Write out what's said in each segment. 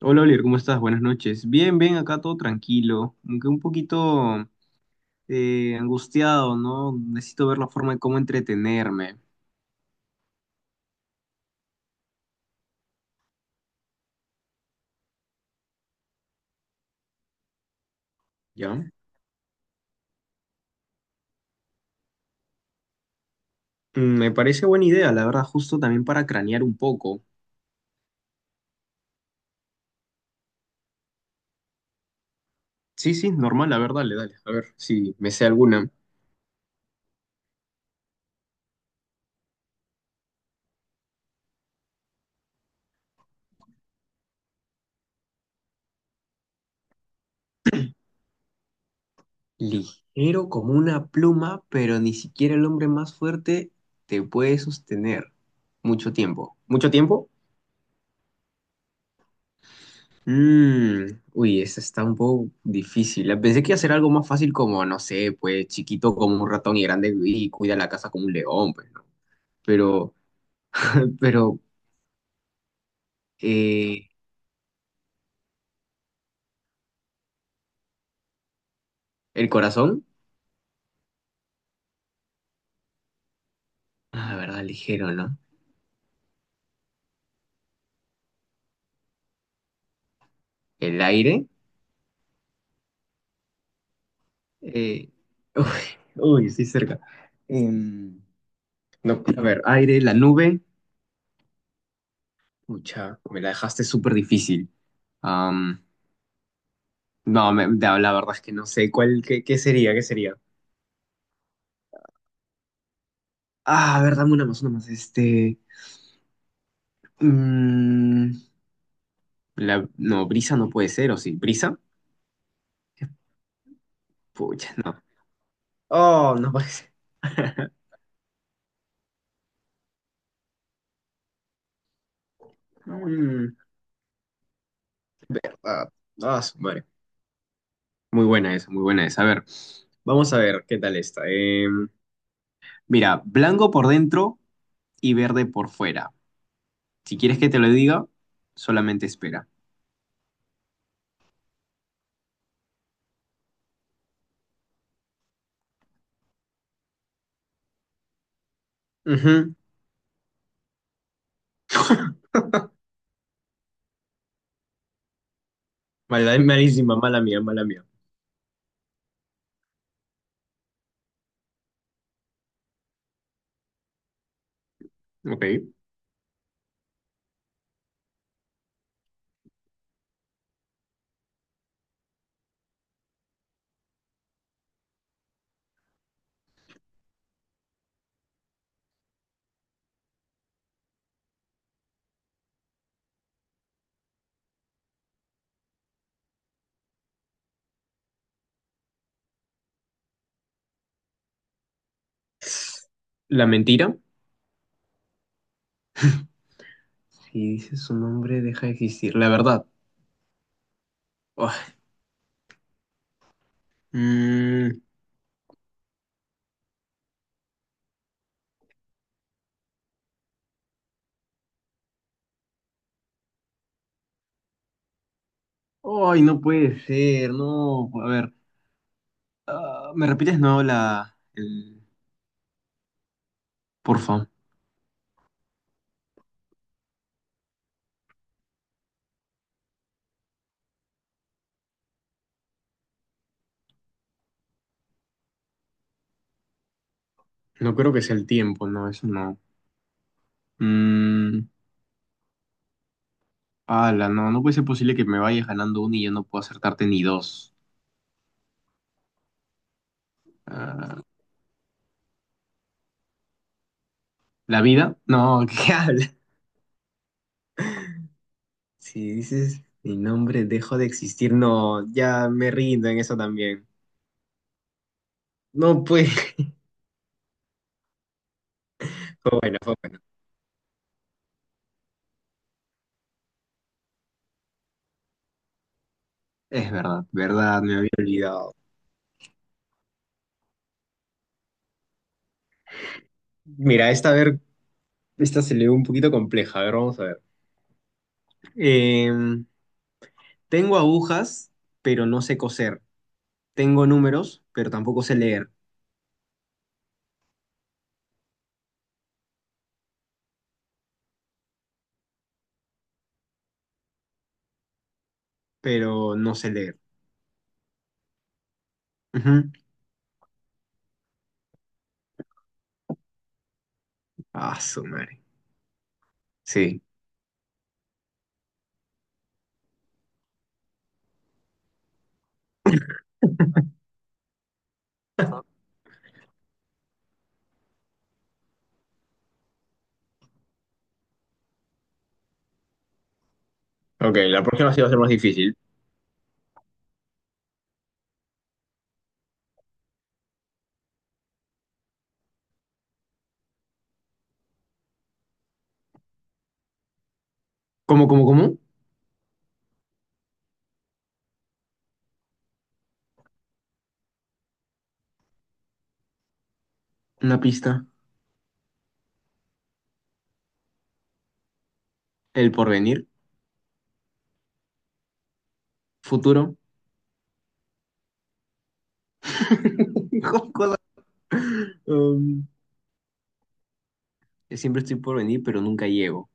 Hola Oliver, ¿cómo estás? Buenas noches. Bien, bien, acá todo tranquilo, aunque un poquito angustiado, ¿no? Necesito ver la forma de cómo entretenerme, ¿ya? Me parece buena idea, la verdad, justo también para cranear un poco. Sí, sí, normal, la verdad. Dale, dale, a ver si me sé alguna. Ligero como una pluma, pero ni siquiera el hombre más fuerte te puede sostener. Mucho tiempo. ¿Mucho tiempo? Mm, uy, esa está un poco difícil. Pensé que iba a ser algo más fácil como, no sé, pues chiquito como un ratón y grande y cuida la casa como un león, pues, ¿no? Pero, pero, eh, el corazón, ah, la verdad, ligero, ¿no? El aire, eh, uy, uy, estoy cerca. Em, no, a ver, aire, la nube, mucha, me la dejaste súper difícil. Am, no, la verdad es que no sé cuál, qué, qué sería, qué sería. Ah, a ver, dame una más, este... Mm, la, no, brisa no puede ser, ¿o sí? ¿Brisa? Pucha, no. Oh, no puede ser. Mm, ah, ah, su madre. Muy buena esa, muy buena esa. A ver, vamos a ver qué tal esta. Mira, blanco por dentro y verde por fuera. Si quieres que te lo diga, solamente espera. Ujú. Mala, malísima, mala mía, mala mía. Ok. La mentira. Si dices su nombre, deja de existir. La verdad. Oh. Mm, ay, no puede ser, no. A ver, ¿me repites no la, el, porfa? No creo que sea el tiempo, no, eso no. Mm, ala, no, no puede ser posible que me vayas ganando uno y yo no puedo acertarte ni dos. Ah, ¿la vida? No, ¿qué habla? Si dices mi nombre, dejo de existir. No, ya me rindo en eso también. No puede. Fue bueno, fue bueno. Es verdad, verdad, me había olvidado. Mira, esta a ver, esta se le ve un poquito compleja. A ver, vamos a ver. Eh, Tengo agujas, pero no sé coser. Tengo números, pero tampoco sé leer. Pero no sé leer. Ujú. Ah, su madre. Sí. Ok, la próxima sí va a ser más difícil. ¿Cómo, cómo, cómo? Una pista. El porvenir. Futuro. Cosa- um, yo siempre estoy por venir, pero nunca llego.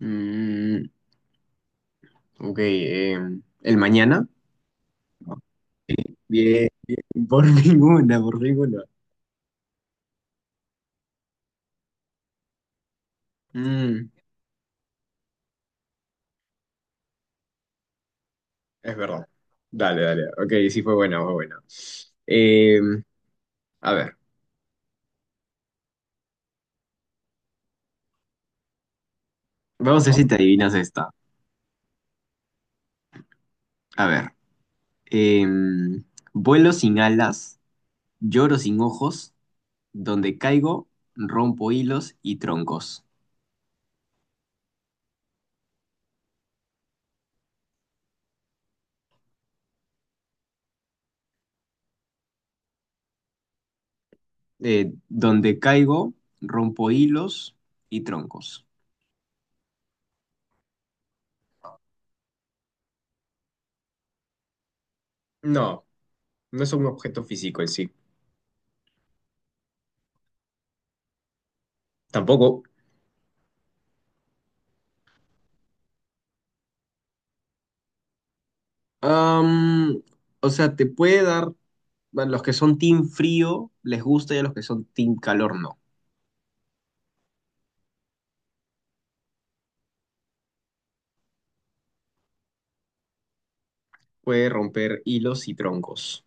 Mm, ok. El mañana. No. Bien, bien. Por ninguna, por ninguna. Mm, Es verdad. Dale, dale. Ok, sí fue buena, fue buena. Eh, a ver, vamos a ver si te adivinas esta. A ver. eh, vuelo sin alas, lloro sin ojos, donde caigo, rompo hilos y troncos. Donde caigo, rompo hilos y troncos. No, no es un objeto físico en sí. Tampoco. Am, o sea, te puede dar, a los que son team frío les gusta y a los que son team calor no. Puede romper hilos y troncos.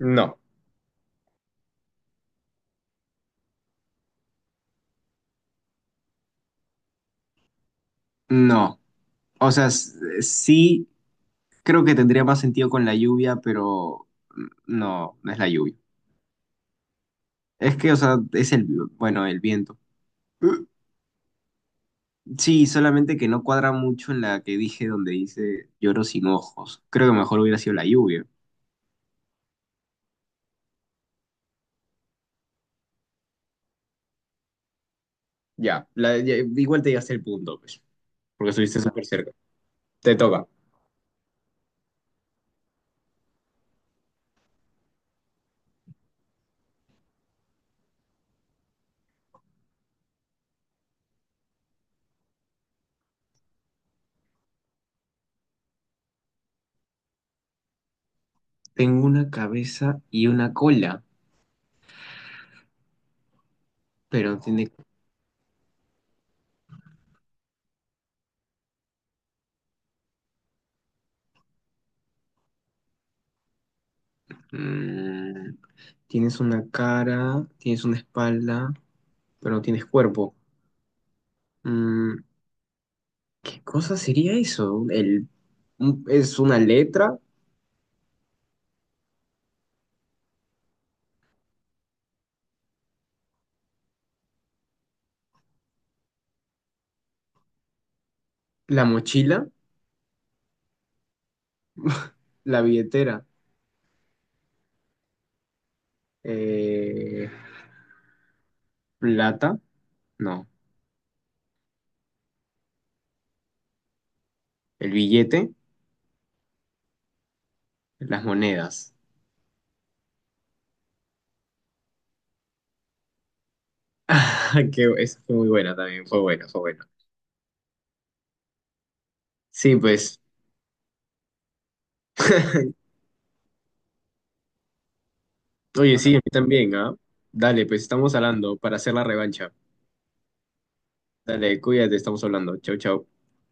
No. No, o sea, sí creo que tendría más sentido con la lluvia, pero no, no es la lluvia. Es que, o sea, es el, bueno, el viento. Sí, solamente que no cuadra mucho en la que dije donde dice lloro sin ojos. Creo que mejor hubiera sido la lluvia. Ya, ya, igual te llegaste el punto, pues, porque estuviste ya, súper cerca. Te toca. Tengo una cabeza y una cola, pero no tiene. Mm, tienes una cara, tienes una espalda, pero no tienes cuerpo. Mm, ¿Qué cosa sería eso? El, es una letra, la mochila, la billetera, eh, plata, no, el billete, las monedas. Que esa fue muy buena también, fue buena, fue buena. Sí, pues, oye, sí, a mí también, ¿ah? Dale, pues estamos hablando para hacer la revancha. Dale, cuídate, estamos hablando. Chau, chau.